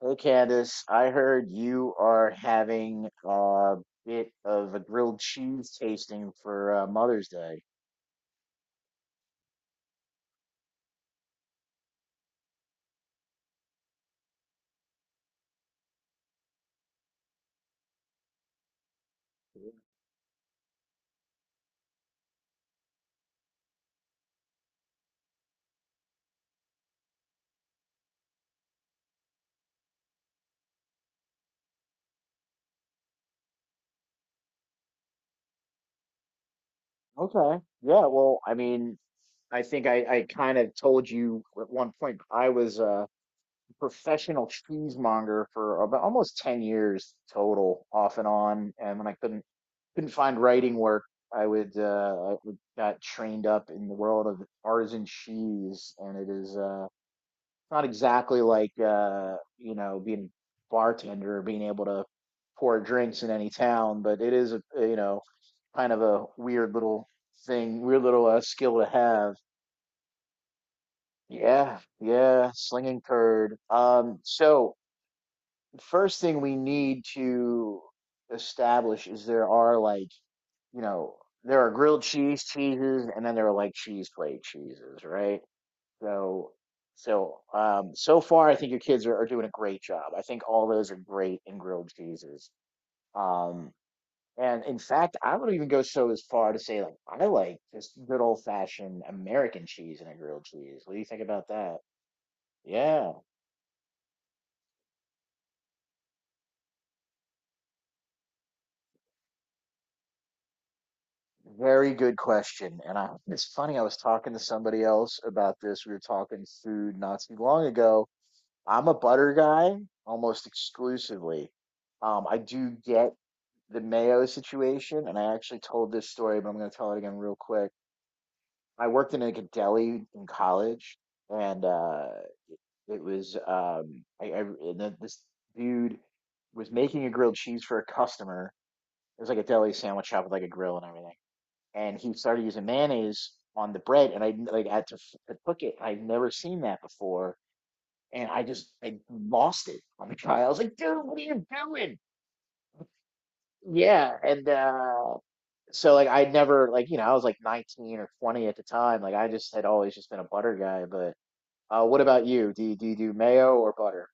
Hey Candice, I heard you are having a bit of a grilled cheese tasting for Mother's Day. Okay. Yeah, well, I kind of told you at one point I was a professional cheesemonger for about almost 10 years total, off and on. And when I couldn't find writing work, I would got trained up in the world of artisan cheese, and it's not exactly like being a bartender or being able to pour drinks in any town, but it is a kind of a weird little thing, weird little skill to have. Yeah, yeah, slinging curd. So first thing we need to establish is there are you know, there are grilled cheese cheeses and then there are like cheese plate cheeses, right? So, so so far, I think your kids are doing a great job. I think all those are great in grilled cheeses. Um, and in fact, I would even go so as far to say, like, I like just good old fashioned American cheese in a grilled cheese. What do you think about that? Yeah, very good question. It's funny, I was talking to somebody else about this. We were talking food not too long ago. I'm a butter guy almost exclusively. I do get the Mayo situation, and I actually told this story, but I'm going to tell it again real quick. I worked in like a deli in college, and it was I and then this dude was making a grilled cheese for a customer. It was like a deli sandwich shop with like a grill and everything, and he started using mayonnaise on the bread, and I like had to, to cook it. I'd never seen that before, and I lost it on the trial. I was like, "Dude, what are you doing?" Yeah, and so like I never I was like 19 or 20 at the time. Like I just had always just been a butter guy. But what about you? Do you do mayo or butter?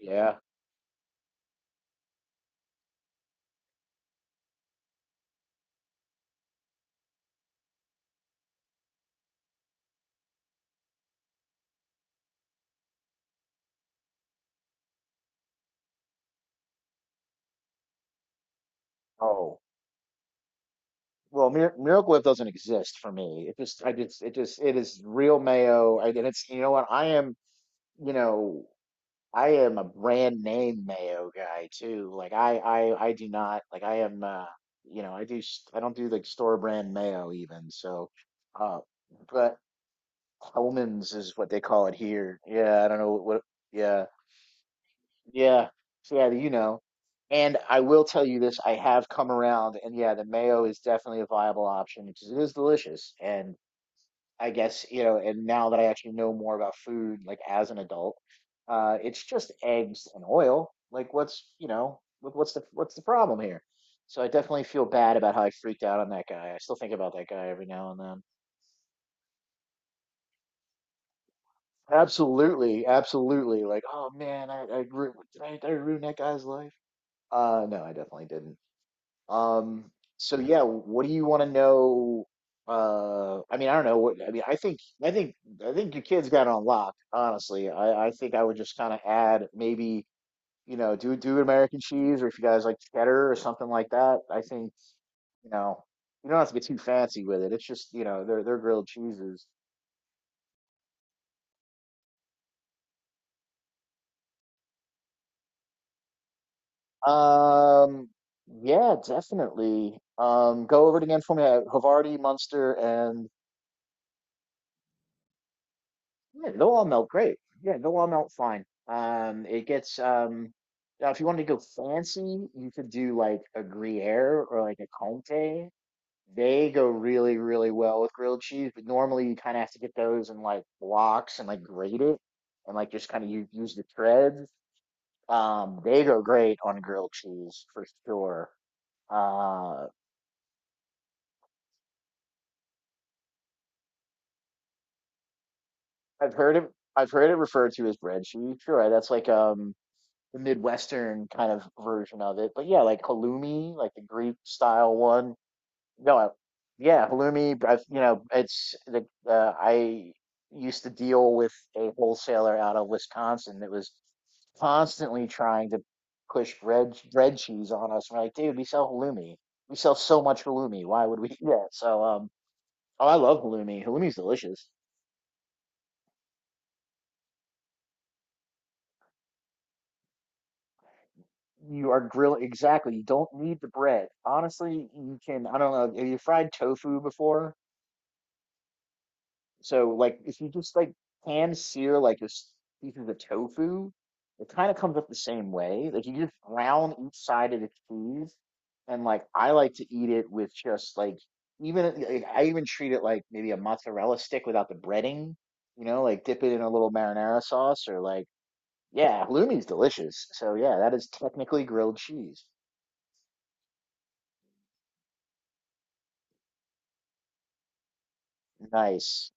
Yeah. Oh. Well, Miracle Whip doesn't exist for me. It is real mayo. And it's you know what I am you know I am a brand name mayo guy too. Like I do not like I am you know I I don't do like store brand mayo even. So uh but Hellman's is what they call it here. Yeah, I don't know what. Yeah, yeah. So yeah, you know. And I will tell you this: I have come around, and yeah, the mayo is definitely a viable option because it is delicious. And I guess and now that I actually know more about food, like as an adult, it's just eggs and oil. Like, what's the problem here? So I definitely feel bad about how I freaked out on that guy. I still think about that guy every now and then. Absolutely, absolutely. Like, oh man, I ru- did I ruin that guy's life? No, I definitely didn't. Um, so yeah, what do you want to know? I mean, I don't know what, I mean, I think, I think, I think your kid's got it on lock, honestly. I think I would just kind of add maybe, you know, do American cheese or if you guys like cheddar or something like that. I think, you know, you don't have to get too fancy with it. It's just, you know, they're grilled cheeses. Um, yeah, definitely. Go over it again for me. Havarti, Munster, and yeah, they'll all melt great. Yeah, they'll all melt fine. It gets now if you wanted to go fancy, you could do like a Gruyere or like a Comté. They go really, really well with grilled cheese, but normally you kind of have to get those in like blocks and like grate it and like just kind of use the threads. They go great on grilled cheese for sure. Uh, I've heard it. I've heard it referred to as breadsheet. Sure, that's like the Midwestern kind of version of it. But yeah, like halloumi, like the Greek style one. No, I, yeah, halloumi. I've, you know, it's the I used to deal with a wholesaler out of Wisconsin that was constantly trying to push bread cheese on us. We're like, dude, we sell halloumi. We sell so much halloumi. Why would we? Yeah. Oh, I love halloumi. Halloumi's delicious. You are grilling exactly. You don't need the bread. Honestly, you can. I don't know. Have you fried tofu before? So, like, if you just like pan sear like this piece of the tofu, it kind of comes up the same way. Like, you just brown each side of the cheese, and like I like to eat it with just like even like, I even treat it like maybe a mozzarella stick without the breading. You know, like dip it in a little marinara sauce or like yeah, halloumi's delicious. So yeah, that is technically grilled cheese. Nice.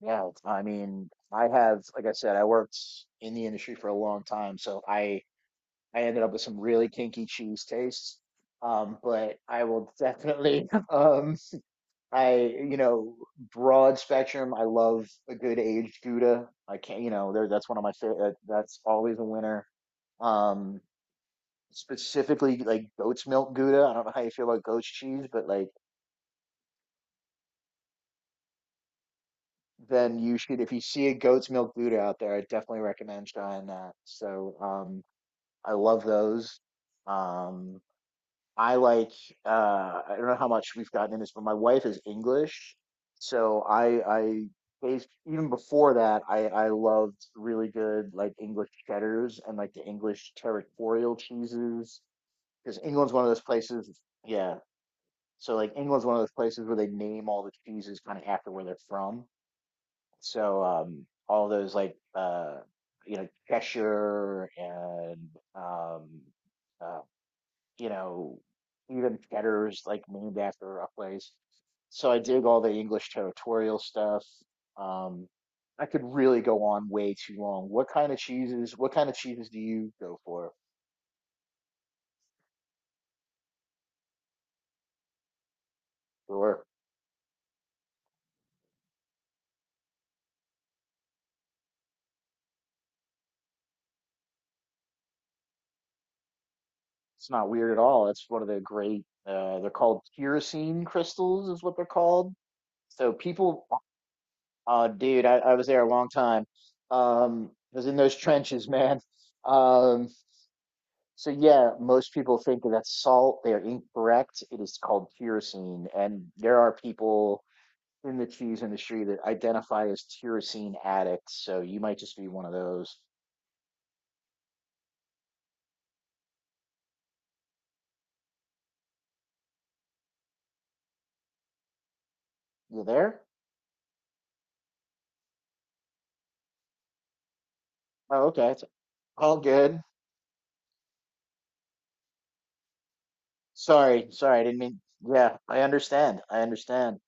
Yeah, I mean, I have, like I said, I worked in the industry for a long time, so I ended up with some really kinky cheese tastes. But I will definitely, I you know, broad spectrum. I love a good aged Gouda. I can't, you know, there that's one of my favorite. That's always a winner. Um, Specifically like goat's milk Gouda. I don't know how you feel about goat's cheese, but like then you should, if you see a goat's milk Buddha out there, I definitely recommend trying that. I love those. Um, I like, uh, I don't know how much we've gotten in this, but my wife is English. So I, I, based, even before that, I loved really good, like English cheddars and like the English territorial cheeses. Because England's one of those places, yeah. So like England's one of those places where they name all the cheeses kind of after where they're from. All those Cheshire and um, uh, you know even Cheddar's like named after a place. So I dig all the English territorial stuff. Um, I could really go on way too long. What kind of cheeses do you go for? Or it's not weird at all. It's one of the great. They're called tyrosine crystals, is what they're called. So people Oh, dude, I was there a long time. I was in those trenches, man. Um, so yeah, most people think that that's salt. They are incorrect. It is called tyrosine, and there are people in the cheese industry that identify as tyrosine addicts. So you might just be one of those. You there? Oh, okay. It's all good. Sorry, sorry. I didn't mean. Yeah, I understand. I understand.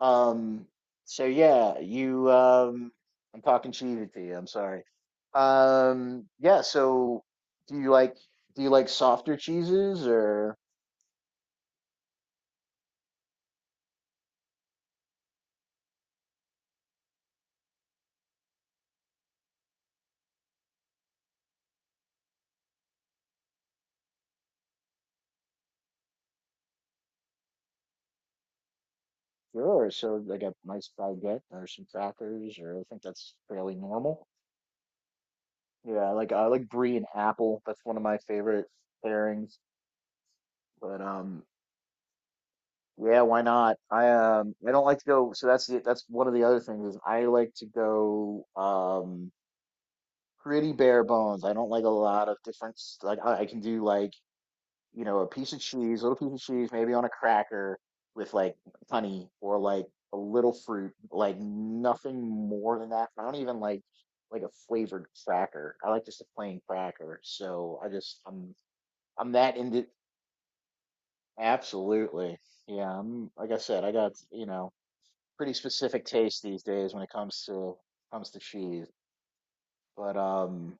Um, so yeah, you I'm talking cheated to you, I'm sorry. Yeah, so do you like softer cheeses or sure, so like a nice baguette or some crackers or I think that's fairly normal. Yeah, I like brie and apple. That's one of my favorite pairings. But Yeah, why not? I don't like to go so that's that's one of the other things is I like to go pretty bare bones. I don't like a lot of different like I can do like, you know, a piece of cheese, little piece of cheese, maybe on a cracker with like honey or like a little fruit, like nothing more than that. I don't even like a flavored cracker. I like just a plain cracker. I'm that into absolutely. Yeah, I'm like I said, I got, you know, pretty specific taste these days when it comes to cheese. But um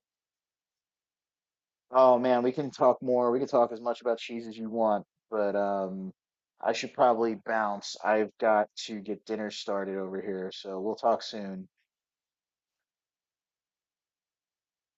Oh man, we can talk more. We can talk as much about cheese as you want, but I should probably bounce. I've got to get dinner started over here, so we'll talk soon.